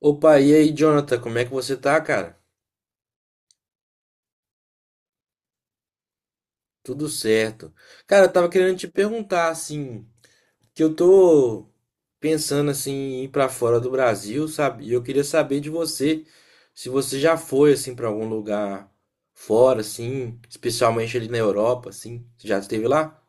Opa, e aí, Jonathan, como é que você tá, cara? Tudo certo. Cara, eu tava querendo te perguntar, assim, que eu tô pensando, assim, em ir pra fora do Brasil, sabe? E eu queria saber de você, se você já foi, assim, pra algum lugar fora, assim, especialmente ali na Europa, assim. Você já esteve lá?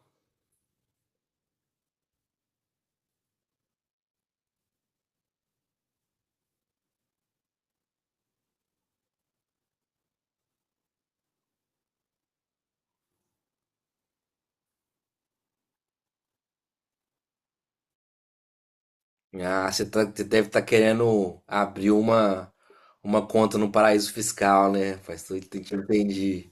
Ah, você deve estar querendo abrir uma conta no paraíso fiscal, né? Faz tudo, tem que entendi.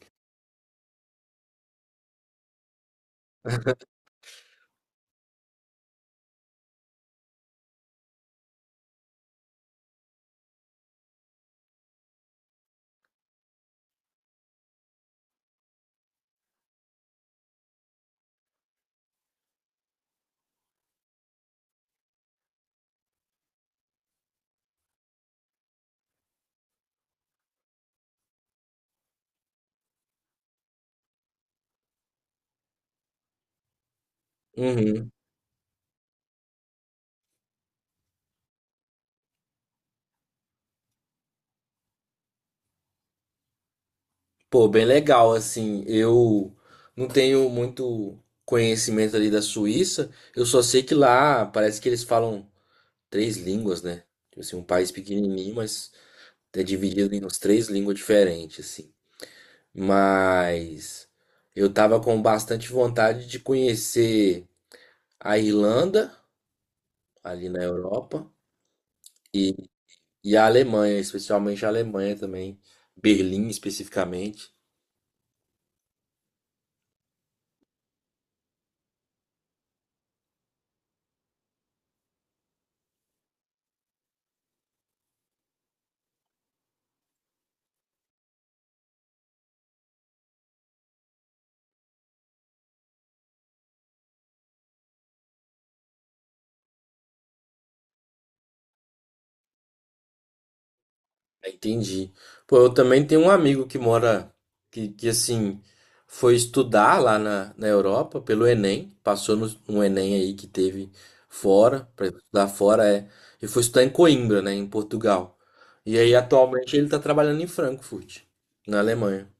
Pô, bem legal, assim, eu não tenho muito conhecimento ali da Suíça, eu só sei que lá parece que eles falam três línguas, né? Tipo assim, um país pequenininho, mas é dividido em umas três línguas diferentes, assim. Mas eu tava com bastante vontade de conhecer a Irlanda, ali na Europa, e, a Alemanha, especialmente a Alemanha também, Berlim especificamente. Entendi. Pô, eu também tenho um amigo que mora, que assim, foi estudar lá na Europa pelo Enem, passou no Enem aí que teve fora, para estudar fora, é, e foi estudar em Coimbra, né, em Portugal. E aí atualmente ele tá trabalhando em Frankfurt, na Alemanha.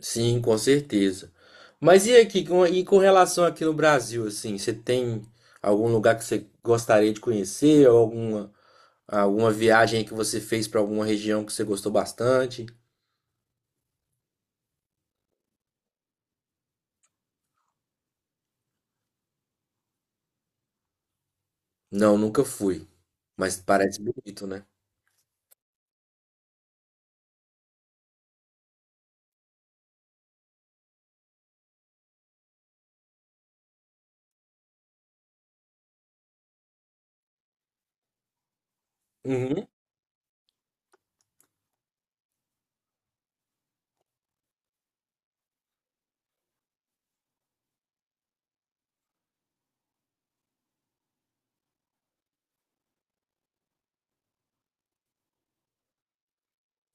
Sim, com certeza. Mas e aqui, e com relação aqui no Brasil, assim, você tem algum lugar que você gostaria de conhecer, ou alguma alguma viagem que você fez pra alguma região que você gostou bastante? Não, nunca fui, mas parece bonito, né? Uhum.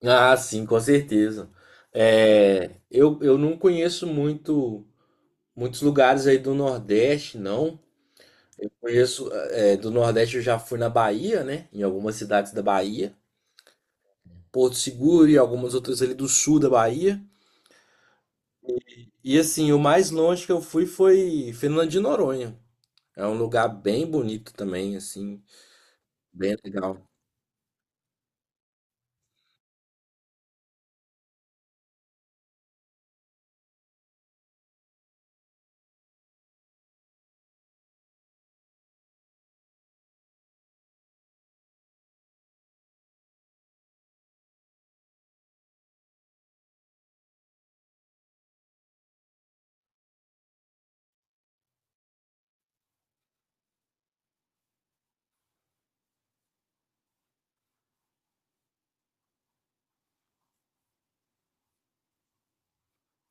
Ah, sim, com certeza. É, eu não conheço muitos lugares aí do Nordeste, não. Eu conheço é, do Nordeste, eu já fui na Bahia, né? Em algumas cidades da Bahia, Porto Seguro e algumas outras ali do sul da Bahia. E assim, o mais longe que eu fui foi Fernando de Noronha. É um lugar bem bonito também, assim, bem legal.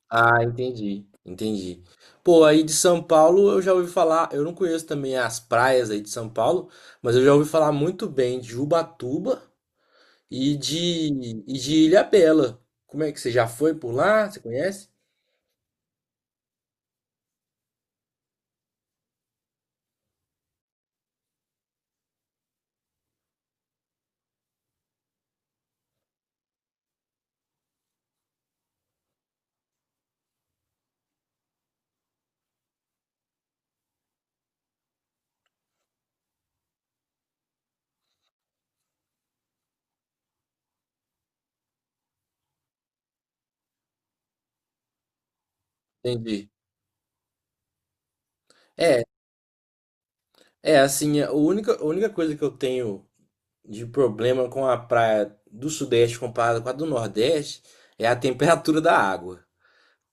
Ah, entendi, entendi. Pô, aí de São Paulo eu já ouvi falar, eu não conheço também as praias aí de São Paulo, mas eu já ouvi falar muito bem de Ubatuba e de, e de Ilhabela. Como é que você já foi por lá? Você conhece? Entendi. É, é assim, a única coisa que eu tenho de problema com a praia do Sudeste comparada com a do Nordeste é a temperatura da água.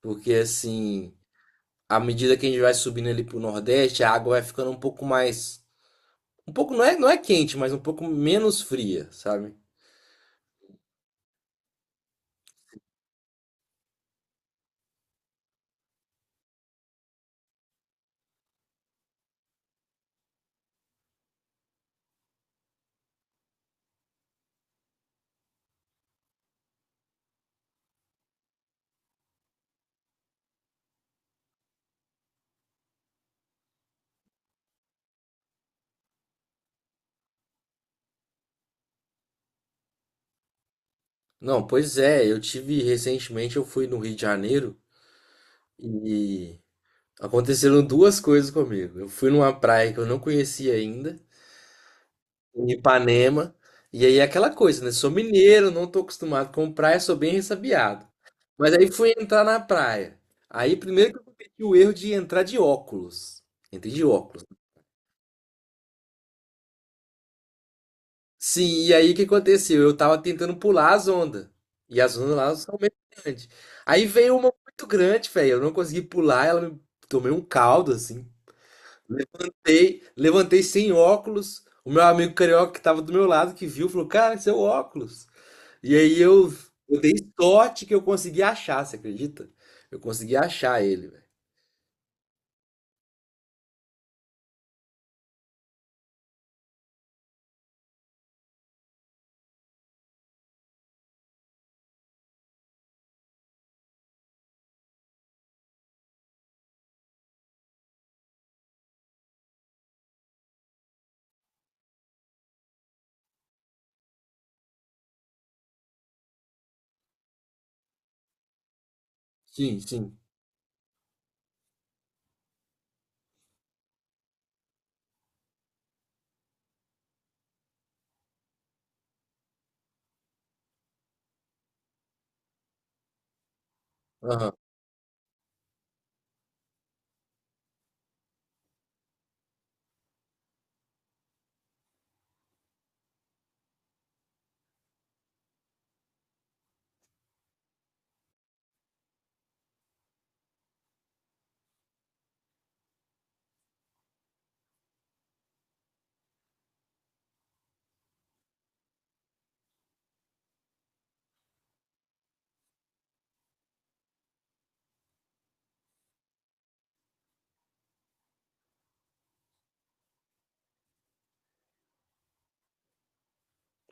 Porque assim, à medida que a gente vai subindo ali pro Nordeste, a água vai ficando um pouco mais um pouco, não é, não é quente, mas um pouco menos fria, sabe? Não, pois é, eu tive recentemente, eu fui no Rio de Janeiro e aconteceram duas coisas comigo. Eu fui numa praia que eu não conhecia ainda, em Ipanema, e aí é aquela coisa, né? Sou mineiro, não tô acostumado com praia, sou bem ressabiado. Mas aí fui entrar na praia. Aí primeiro que eu cometi o erro de entrar de óculos. Entrei de óculos. Sim, e aí o que aconteceu? Eu tava tentando pular as ondas. E as ondas lá são meio grandes. Aí veio uma muito grande, velho. Eu não consegui pular, ela me... tomei um caldo, assim. Levantei, levantei sem óculos. O meu amigo carioca que tava do meu lado, que viu, falou, cara, seu óculos. E aí eu dei sorte que eu consegui achar, você acredita? Eu consegui achar ele, velho. Sim, sim. Aham.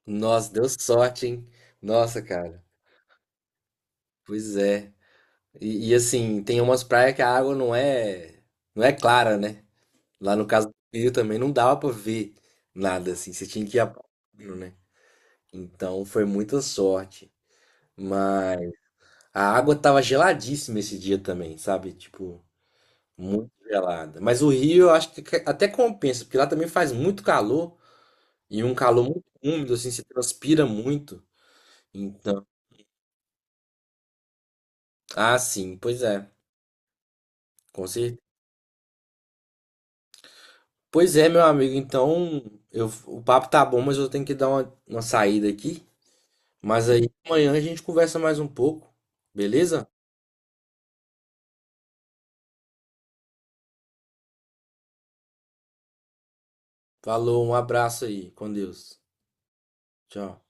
Nossa, deu sorte, hein? Nossa, cara. Pois é. E, assim, tem umas praias que a água não é, não é clara, né? Lá no caso do Rio também não dava pra ver nada assim, você tinha que ir a pau, né? Então foi muita sorte. Mas a água tava geladíssima esse dia também, sabe? Tipo, muito gelada. Mas o Rio eu acho que até compensa, porque lá também faz muito calor e um calor muito úmido assim, você transpira muito. Então, ah, sim, pois é. Com certeza. Pois é, meu amigo. Então, eu, o papo tá bom, mas eu tenho que dar uma saída aqui. Mas aí amanhã a gente conversa mais um pouco, beleza? Falou, um abraço aí. Com Deus. Tchau.